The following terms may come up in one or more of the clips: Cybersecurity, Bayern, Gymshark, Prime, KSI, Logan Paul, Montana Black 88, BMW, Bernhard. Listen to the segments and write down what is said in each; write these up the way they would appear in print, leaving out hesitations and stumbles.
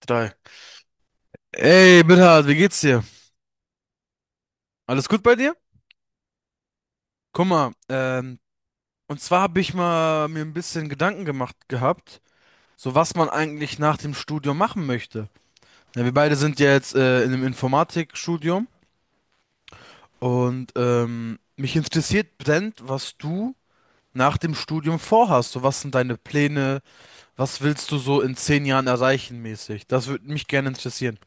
Drei. Ey, Bernhard, wie geht's dir? Alles gut bei dir? Guck mal, und zwar habe ich mal mir ein bisschen Gedanken gemacht gehabt, so was man eigentlich nach dem Studium machen möchte. Ja, wir beide sind ja jetzt in einem Informatikstudium und mich interessiert brennend, was du nach dem Studium vorhast. So, was sind deine Pläne? Was willst du so in 10 Jahren erreichen mäßig? Das würde mich gerne interessieren.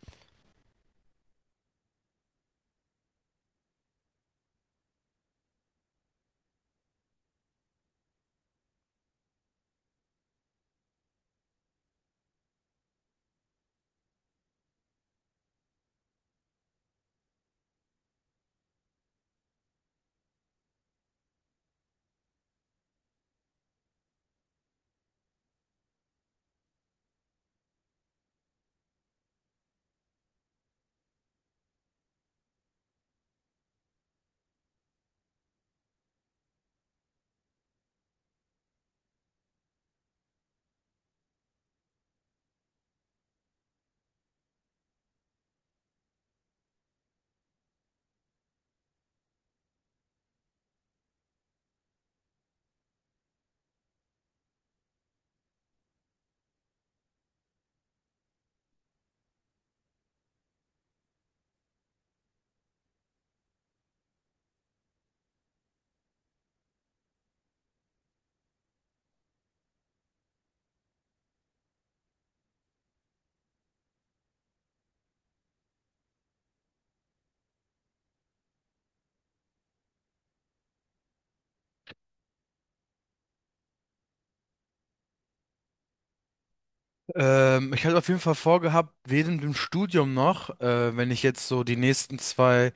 Ich hatte auf jeden Fall vorgehabt, während dem Studium noch, wenn ich jetzt so die nächsten zwei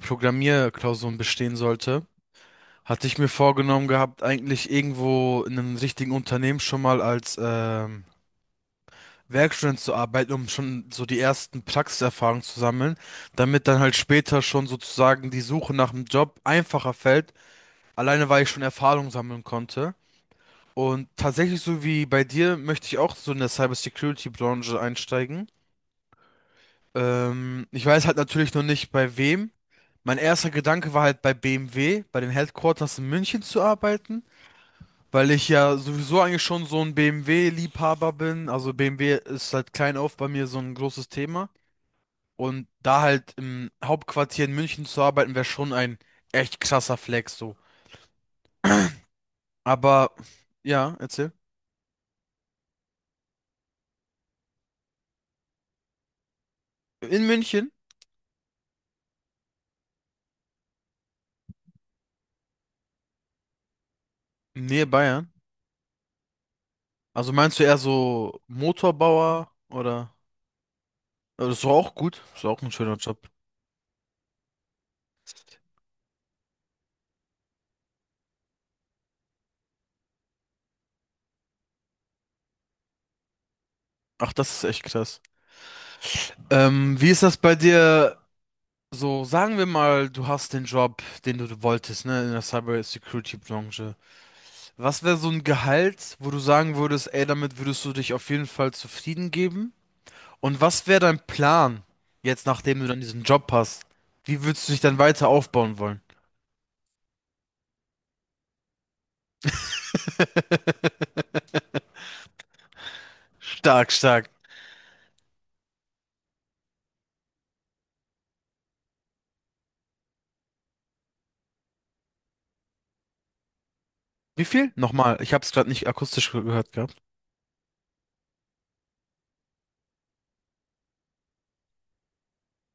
Programmierklausuren bestehen sollte, hatte ich mir vorgenommen gehabt, eigentlich irgendwo in einem richtigen Unternehmen schon mal als Werkstudent zu arbeiten, um schon so die ersten Praxiserfahrungen zu sammeln, damit dann halt später schon sozusagen die Suche nach einem Job einfacher fällt, alleine weil ich schon Erfahrung sammeln konnte. Und tatsächlich, so wie bei dir, möchte ich auch so in der Cybersecurity-Branche einsteigen. Ich weiß halt natürlich noch nicht bei wem. Mein erster Gedanke war halt bei BMW, bei den Headquarters in München zu arbeiten, weil ich ja sowieso eigentlich schon so ein BMW-Liebhaber bin. Also BMW ist halt klein auf bei mir so ein großes Thema. Und da halt im Hauptquartier in München zu arbeiten, wäre schon ein echt krasser Flex so. Aber ja, erzähl. In München, in Nähe Bayern. Also meinst du eher so Motorbauer oder? Aber das ist doch auch gut. Das ist auch ein schöner Job. Ach, das ist echt krass. Wie ist das bei dir? So, sagen wir mal, du hast den Job, den du wolltest, ne, in der Cyber-Security-Branche. Was wäre so ein Gehalt, wo du sagen würdest, ey, damit würdest du dich auf jeden Fall zufrieden geben? Und was wäre dein Plan, jetzt nachdem du dann diesen Job hast? Wie würdest du dich dann weiter aufbauen wollen? Stark, stark. Wie viel? Nochmal, ich habe es gerade nicht akustisch gehört gehabt.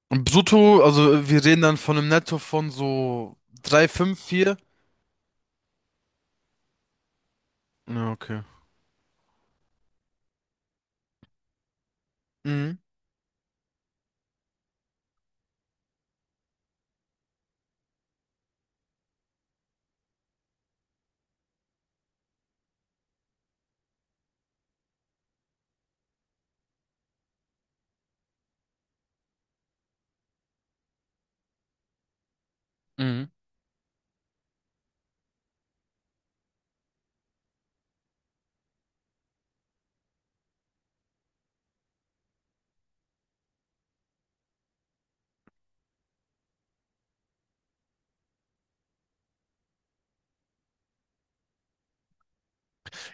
Und brutto, also wir reden dann von einem Netto von so 3, 5, 4. Ja, okay. Mhm. Mhm.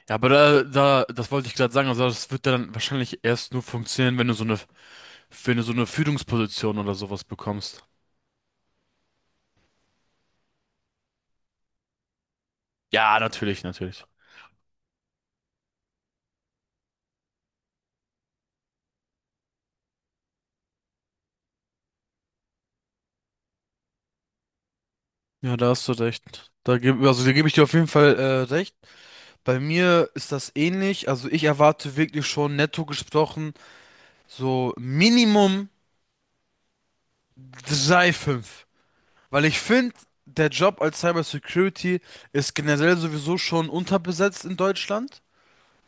Ja, aber das wollte ich gerade sagen, also das wird dann wahrscheinlich erst nur funktionieren, wenn du so eine, wenn du so eine Führungsposition oder sowas bekommst. Ja, natürlich, natürlich. Ja, da hast du recht. Da gebe, also da gebe ich dir auf jeden Fall recht. Bei mir ist das ähnlich. Also ich erwarte wirklich schon netto gesprochen so Minimum 3,5, weil ich finde, der Job als Cyber Security ist generell sowieso schon unterbesetzt in Deutschland.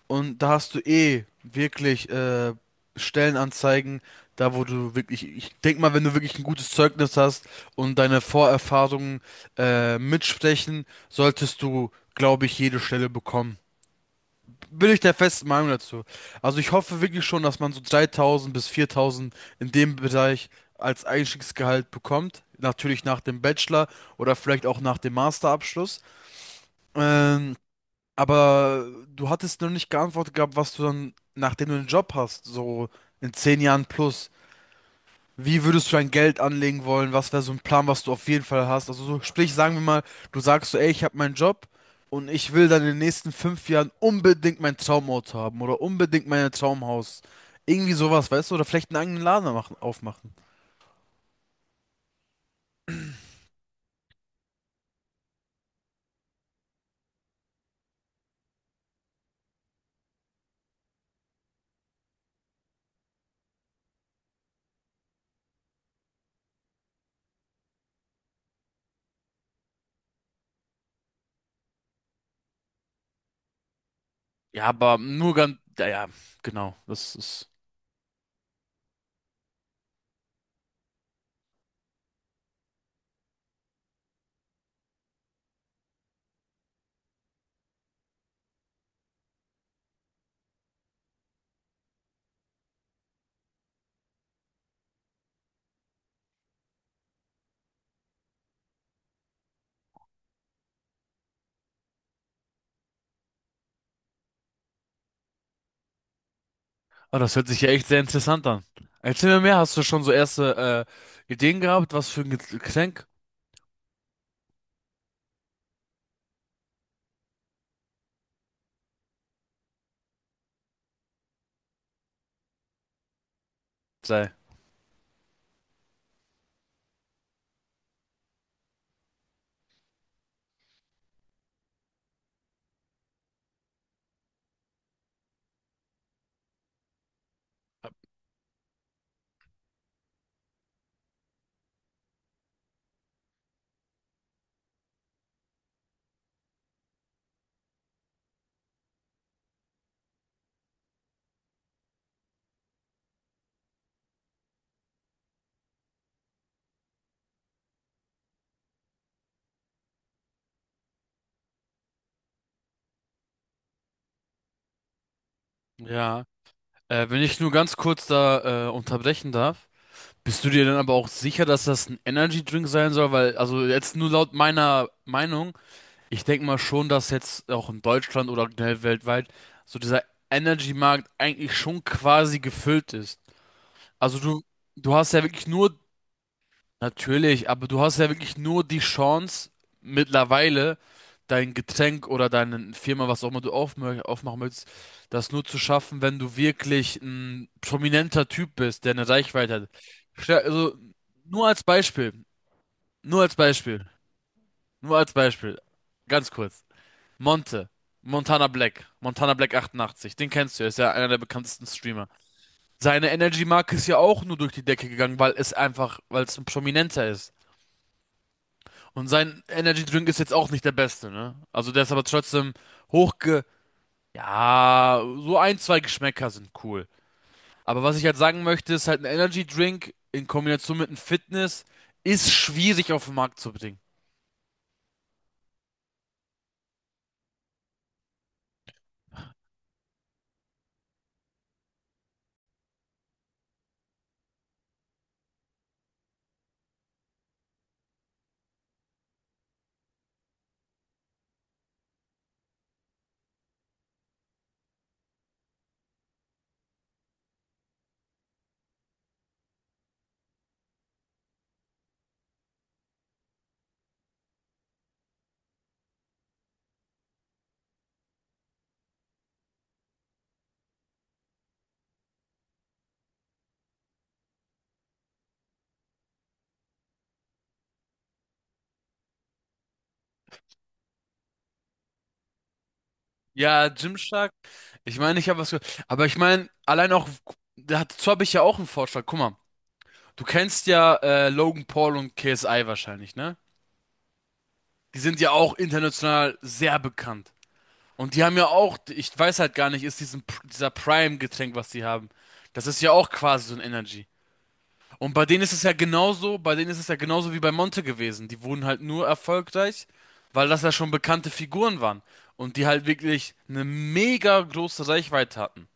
Und da hast du eh wirklich Stellenanzeigen, da wo du wirklich, ich denk mal, wenn du wirklich ein gutes Zeugnis hast und deine Vorerfahrungen mitsprechen, solltest du, glaube ich, jede Stelle bekommen. Bin ich der festen Meinung dazu. Also ich hoffe wirklich schon, dass man so 3.000 bis 4.000 in dem Bereich als Einstiegsgehalt bekommt. Natürlich nach dem Bachelor oder vielleicht auch nach dem Masterabschluss. Ähm, aber du hattest noch nicht geantwortet gehabt, was du dann, nachdem du einen Job hast, so in 10 Jahren plus, wie würdest du dein Geld anlegen wollen? Was wäre so ein Plan, was du auf jeden Fall hast? Also so, sprich, sagen wir mal, du sagst so, ey, ich habe meinen Job und ich will dann in den nächsten 5 Jahren unbedingt mein Traumauto haben oder unbedingt mein Traumhaus. Irgendwie sowas, weißt du? Oder vielleicht einen eigenen Laden machen, aufmachen. Ja, aber nur ganz, ja, ja, genau, das ist. Oh, das hört sich ja echt sehr interessant an. Erzähl mir mehr, hast du schon so erste Ideen gehabt, was für ein Getränk sei? Ja, wenn ich nur ganz kurz da unterbrechen darf, bist du dir dann aber auch sicher, dass das ein Energy Drink sein soll? Weil, also jetzt nur laut meiner Meinung, ich denke mal schon, dass jetzt auch in Deutschland oder generell weltweit so dieser Energy Markt eigentlich schon quasi gefüllt ist. Also du hast ja wirklich nur natürlich, aber du hast ja wirklich nur die Chance, mittlerweile dein Getränk oder deine Firma, was auch immer du aufmö aufmachen möchtest, das nur zu schaffen, wenn du wirklich ein prominenter Typ bist, der eine Reichweite hat. Stell- Also, nur als Beispiel, nur als Beispiel, nur als Beispiel, ganz kurz. Monte, Montana Black, Montana Black 88, den kennst du, ist ja einer der bekanntesten Streamer. Seine Energy-Marke ist ja auch nur durch die Decke gegangen, weil es einfach, weil es ein Prominenter ist. Und sein Energy Drink ist jetzt auch nicht der beste, ne? Also der ist aber trotzdem hochge... Ja, so ein, zwei Geschmäcker sind cool. Aber was ich halt sagen möchte, ist halt ein Energy Drink in Kombination mit einem Fitness ist schwierig auf den Markt zu bringen. Ja, Gymshark. Ich meine, ich habe was gehört. Aber ich meine, allein auch, dazu habe ich ja auch einen Vorschlag. Guck mal, du kennst ja Logan Paul und KSI wahrscheinlich, ne? Die sind ja auch international sehr bekannt. Und die haben ja auch, ich weiß halt gar nicht, ist diesen, dieser Prime-Getränk, was die haben. Das ist ja auch quasi so ein Energy. Und bei denen ist es ja genauso, bei denen ist es ja genauso wie bei Monte gewesen. Die wurden halt nur erfolgreich, weil das ja schon bekannte Figuren waren. Und die halt wirklich eine mega große Reichweite hatten.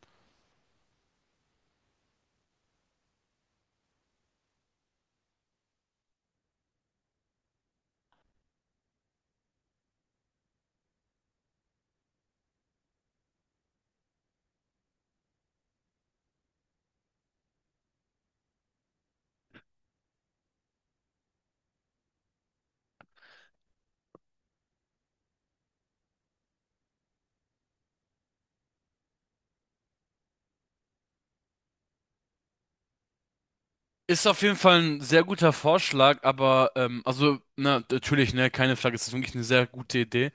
Ist auf jeden Fall ein sehr guter Vorschlag, aber also na, natürlich, ne, keine Frage, es ist wirklich eine sehr gute Idee.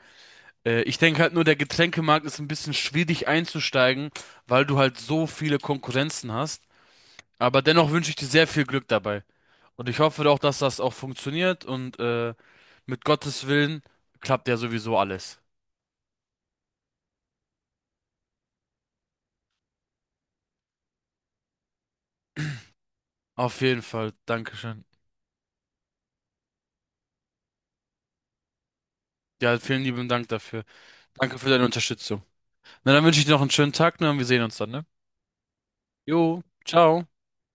Ich denke halt nur, der Getränkemarkt ist ein bisschen schwierig einzusteigen, weil du halt so viele Konkurrenzen hast. Aber dennoch wünsche ich dir sehr viel Glück dabei. Und ich hoffe doch, dass das auch funktioniert und mit Gottes Willen klappt ja sowieso alles. Auf jeden Fall. Dankeschön. Ja, vielen lieben Dank dafür. Danke für deine Unterstützung. Na, dann wünsche ich dir noch einen schönen Tag, ne, und wir sehen uns dann, ne? Jo, ciao.